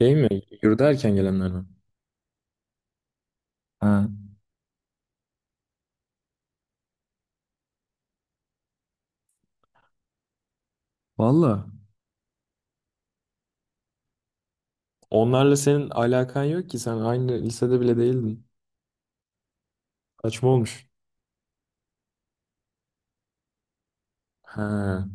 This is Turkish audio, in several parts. Şey mi? Yurda erken gelenler mi? Ha, valla. Onlarla senin alakan yok ki sen aynı lisede bile değildin. Saçma olmuş. Ha.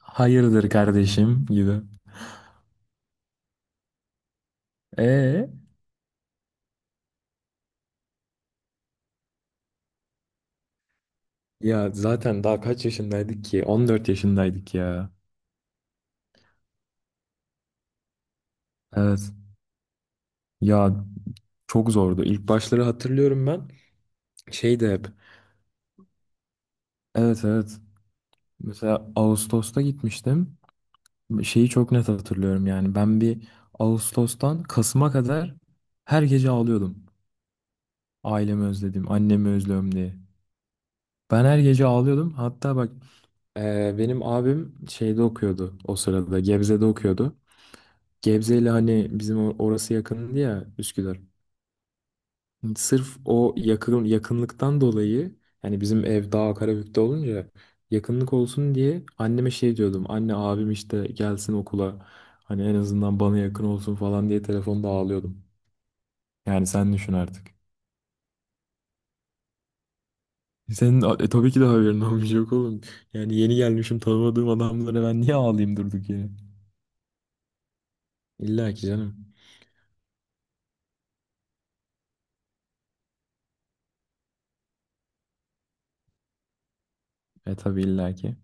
Hayırdır kardeşim gibi. E, ya zaten daha kaç yaşındaydık ki? 14 yaşındaydık ya. Evet. Ya, çok zordu. İlk başları hatırlıyorum ben. Şey de hep. Evet, evet. Mesela Ağustos'ta gitmiştim. Şeyi çok net hatırlıyorum yani. Ben bir Ağustos'tan Kasım'a kadar her gece ağlıyordum. Ailemi özledim, annemi özlüyorum diye. Ben her gece ağlıyordum. Hatta bak, benim abim şeyde okuyordu o sırada. Gebze'de okuyordu. Gebze ile hani bizim orası yakındı ya, Üsküdar. Sırf o yakın, yakınlıktan dolayı yani bizim ev daha Karabük'te olunca yakınlık olsun diye anneme şey diyordum. Anne abim işte gelsin okula, hani en azından bana yakın olsun falan diye telefonda ağlıyordum. Yani sen düşün artık. Senin tabii ki de haberin olmuş yok oğlum. Yani yeni gelmişim, tanımadığım adamlara ben niye ağlayayım durduk yere? İlla ki canım. E tabii, illa ki.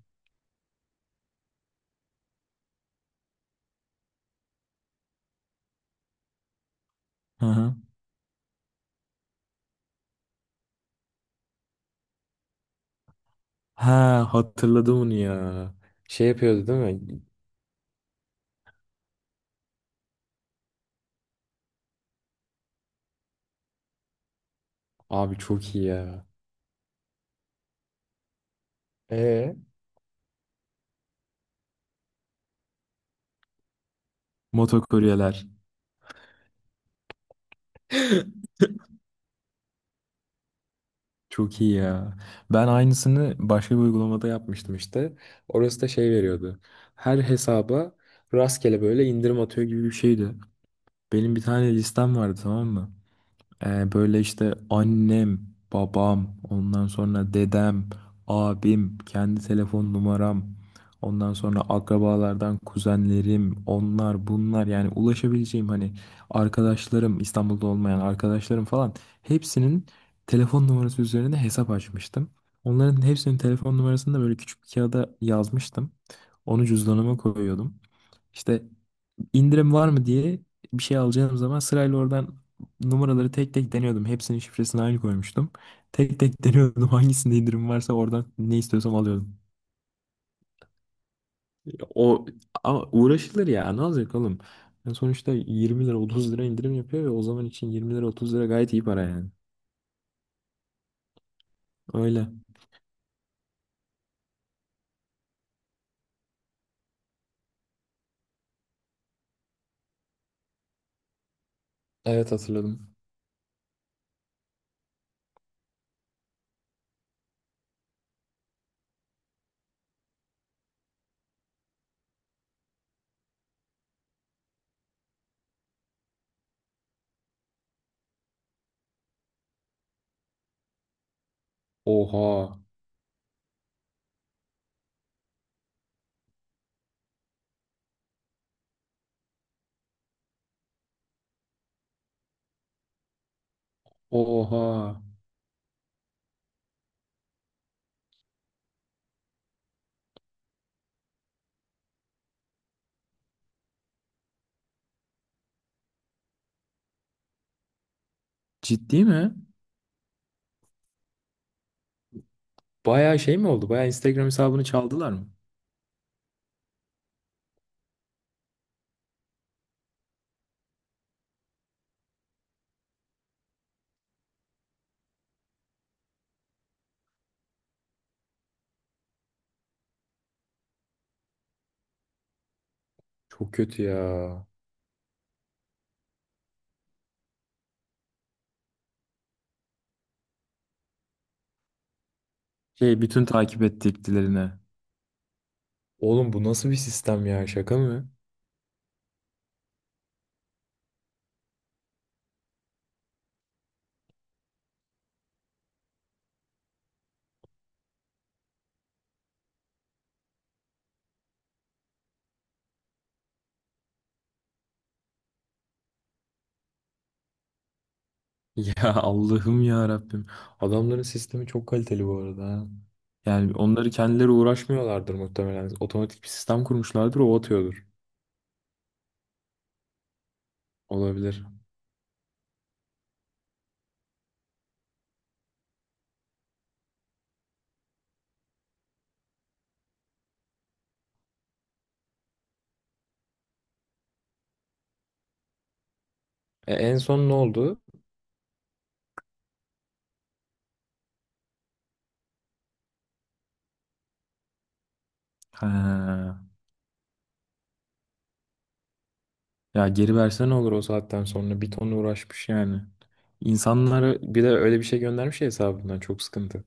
Hı hı. Ha, hatırladım onu ya. Şey yapıyordu değil mi? Abi çok iyi ya. Ee? Motokuryeler. Çok iyi ya. Ben aynısını başka bir uygulamada yapmıştım işte. Orası da şey veriyordu. Her hesaba rastgele böyle indirim atıyor gibi bir şeydi. Benim bir tane listem vardı, tamam mı? Böyle işte annem, babam, ondan sonra dedem, abim, kendi telefon numaram, ondan sonra akrabalardan kuzenlerim, onlar bunlar, yani ulaşabileceğim hani arkadaşlarım, İstanbul'da olmayan arkadaşlarım falan, hepsinin telefon numarası üzerine hesap açmıştım. Onların hepsinin telefon numarasını da böyle küçük bir kağıda yazmıştım. Onu cüzdanıma koyuyordum. İşte indirim var mı diye bir şey alacağım zaman sırayla oradan numaraları tek tek deniyordum. Hepsinin şifresini aynı koymuştum. Tek tek deniyordum, hangisinde indirim varsa oradan ne istiyorsam alıyordum. O ama uğraşılır ya, ne olacak oğlum? Yani sonuçta 20 lira 30 lira indirim yapıyor ve o zaman için 20 lira 30 lira gayet iyi para yani. Öyle. Evet, hatırladım. Oha. Oha. Ciddi mi? Bayağı şey mi oldu? Bayağı Instagram hesabını çaldılar mı? Çok kötü ya. Şey, bütün takip ettiklerine. Oğlum bu nasıl bir sistem ya, şaka mı? Ya Allah'ım ya Rabbim. Adamların sistemi çok kaliteli bu arada, ha. Yani onları kendileri uğraşmıyorlardır muhtemelen. Otomatik bir sistem kurmuşlardır, o atıyordur. Olabilir. E, en son ne oldu? Ha. Ya geri verse ne olur, o saatten sonra bir ton uğraşmış yani. İnsanlara bir de öyle bir şey göndermiş ya hesabından, çok sıkıntı.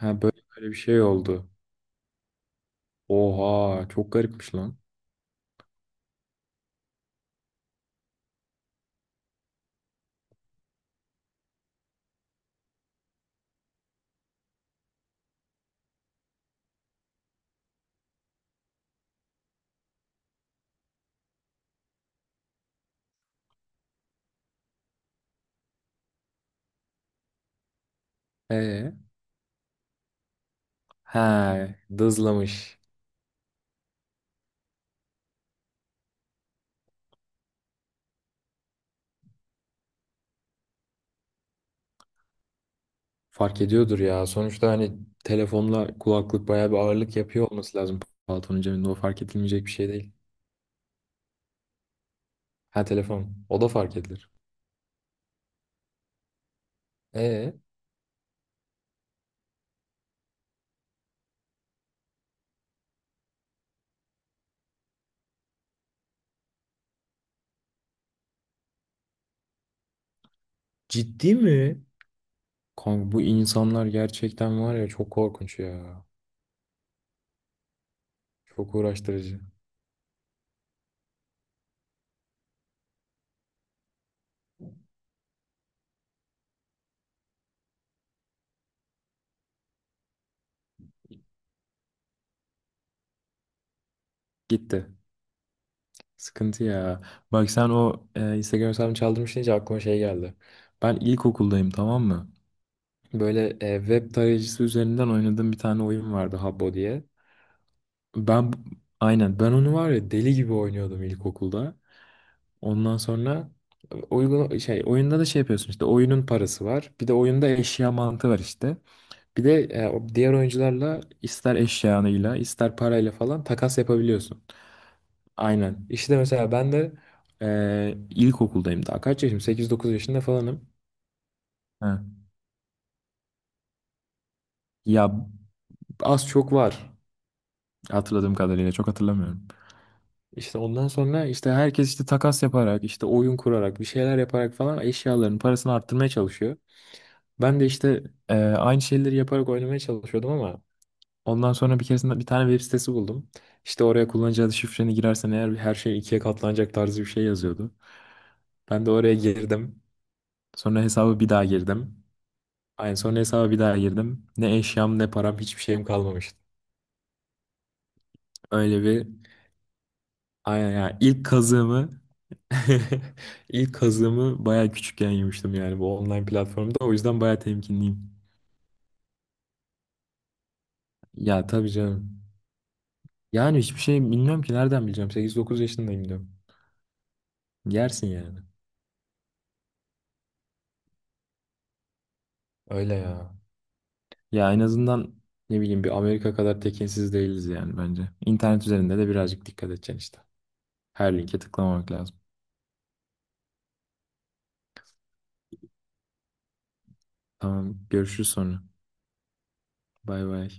Ha, böyle böyle bir şey oldu. Oha, çok garipmiş lan. E, ha, dızlamış. Fark ediyordur ya. Sonuçta hani telefonla kulaklık bayağı bir ağırlık yapıyor olması lazım, paltonun cebinde. O fark edilmeyecek bir şey değil. Ha, telefon. O da fark edilir. E, ciddi mi? Kanka bu insanlar gerçekten var ya, çok korkunç ya. Çok uğraştırıcı. Gitti. Sıkıntı ya. Bak sen o, Instagram hesabını çaldırmış deyince aklıma şey geldi. Ben ilkokuldayım, tamam mı? Böyle web tarayıcısı üzerinden oynadığım bir tane oyun vardı, Habbo diye. Ben aynen ben onu var ya deli gibi oynuyordum ilkokulda. Ondan sonra uygun şey, oyunda da şey yapıyorsun işte, oyunun parası var. Bir de oyunda eşya mantığı var işte. Bir de o diğer oyuncularla ister eşyanıyla ister parayla falan takas yapabiliyorsun. Aynen. İşte mesela ben de ilkokuldayım daha. Kaç yaşım? 8-9 yaşında falanım. Ha. Ya az çok var hatırladığım kadarıyla. Çok hatırlamıyorum. İşte ondan sonra işte herkes işte takas yaparak işte oyun kurarak bir şeyler yaparak falan eşyaların parasını arttırmaya çalışıyor. Ben de işte aynı şeyleri yaparak oynamaya çalışıyordum ama ondan sonra bir keresinde bir tane web sitesi buldum. İşte oraya kullanıcı adı şifreni girersen eğer her şey ikiye katlanacak tarzı bir şey yazıyordu. Ben de oraya girdim. Sonra hesabı bir daha girdim. Aynı, sonra hesaba bir daha girdim. Ne eşyam ne param hiçbir şeyim kalmamıştı. Öyle bir Aynen, yani ilk kazığımı ilk kazığımı bayağı küçükken yemiştim yani, bu online platformda. O yüzden bayağı temkinliyim. Ya tabii canım. Yani hiçbir şey bilmiyorum ki, nereden bileceğim. 8-9 yaşındayım diyorum. Yersin yani. Öyle ya. Ya en azından ne bileyim, bir Amerika kadar tekinsiz değiliz yani, bence. İnternet üzerinde de birazcık dikkat edeceksin işte. Her linke tıklamamak lazım. Tamam, görüşürüz sonra. Bay bay.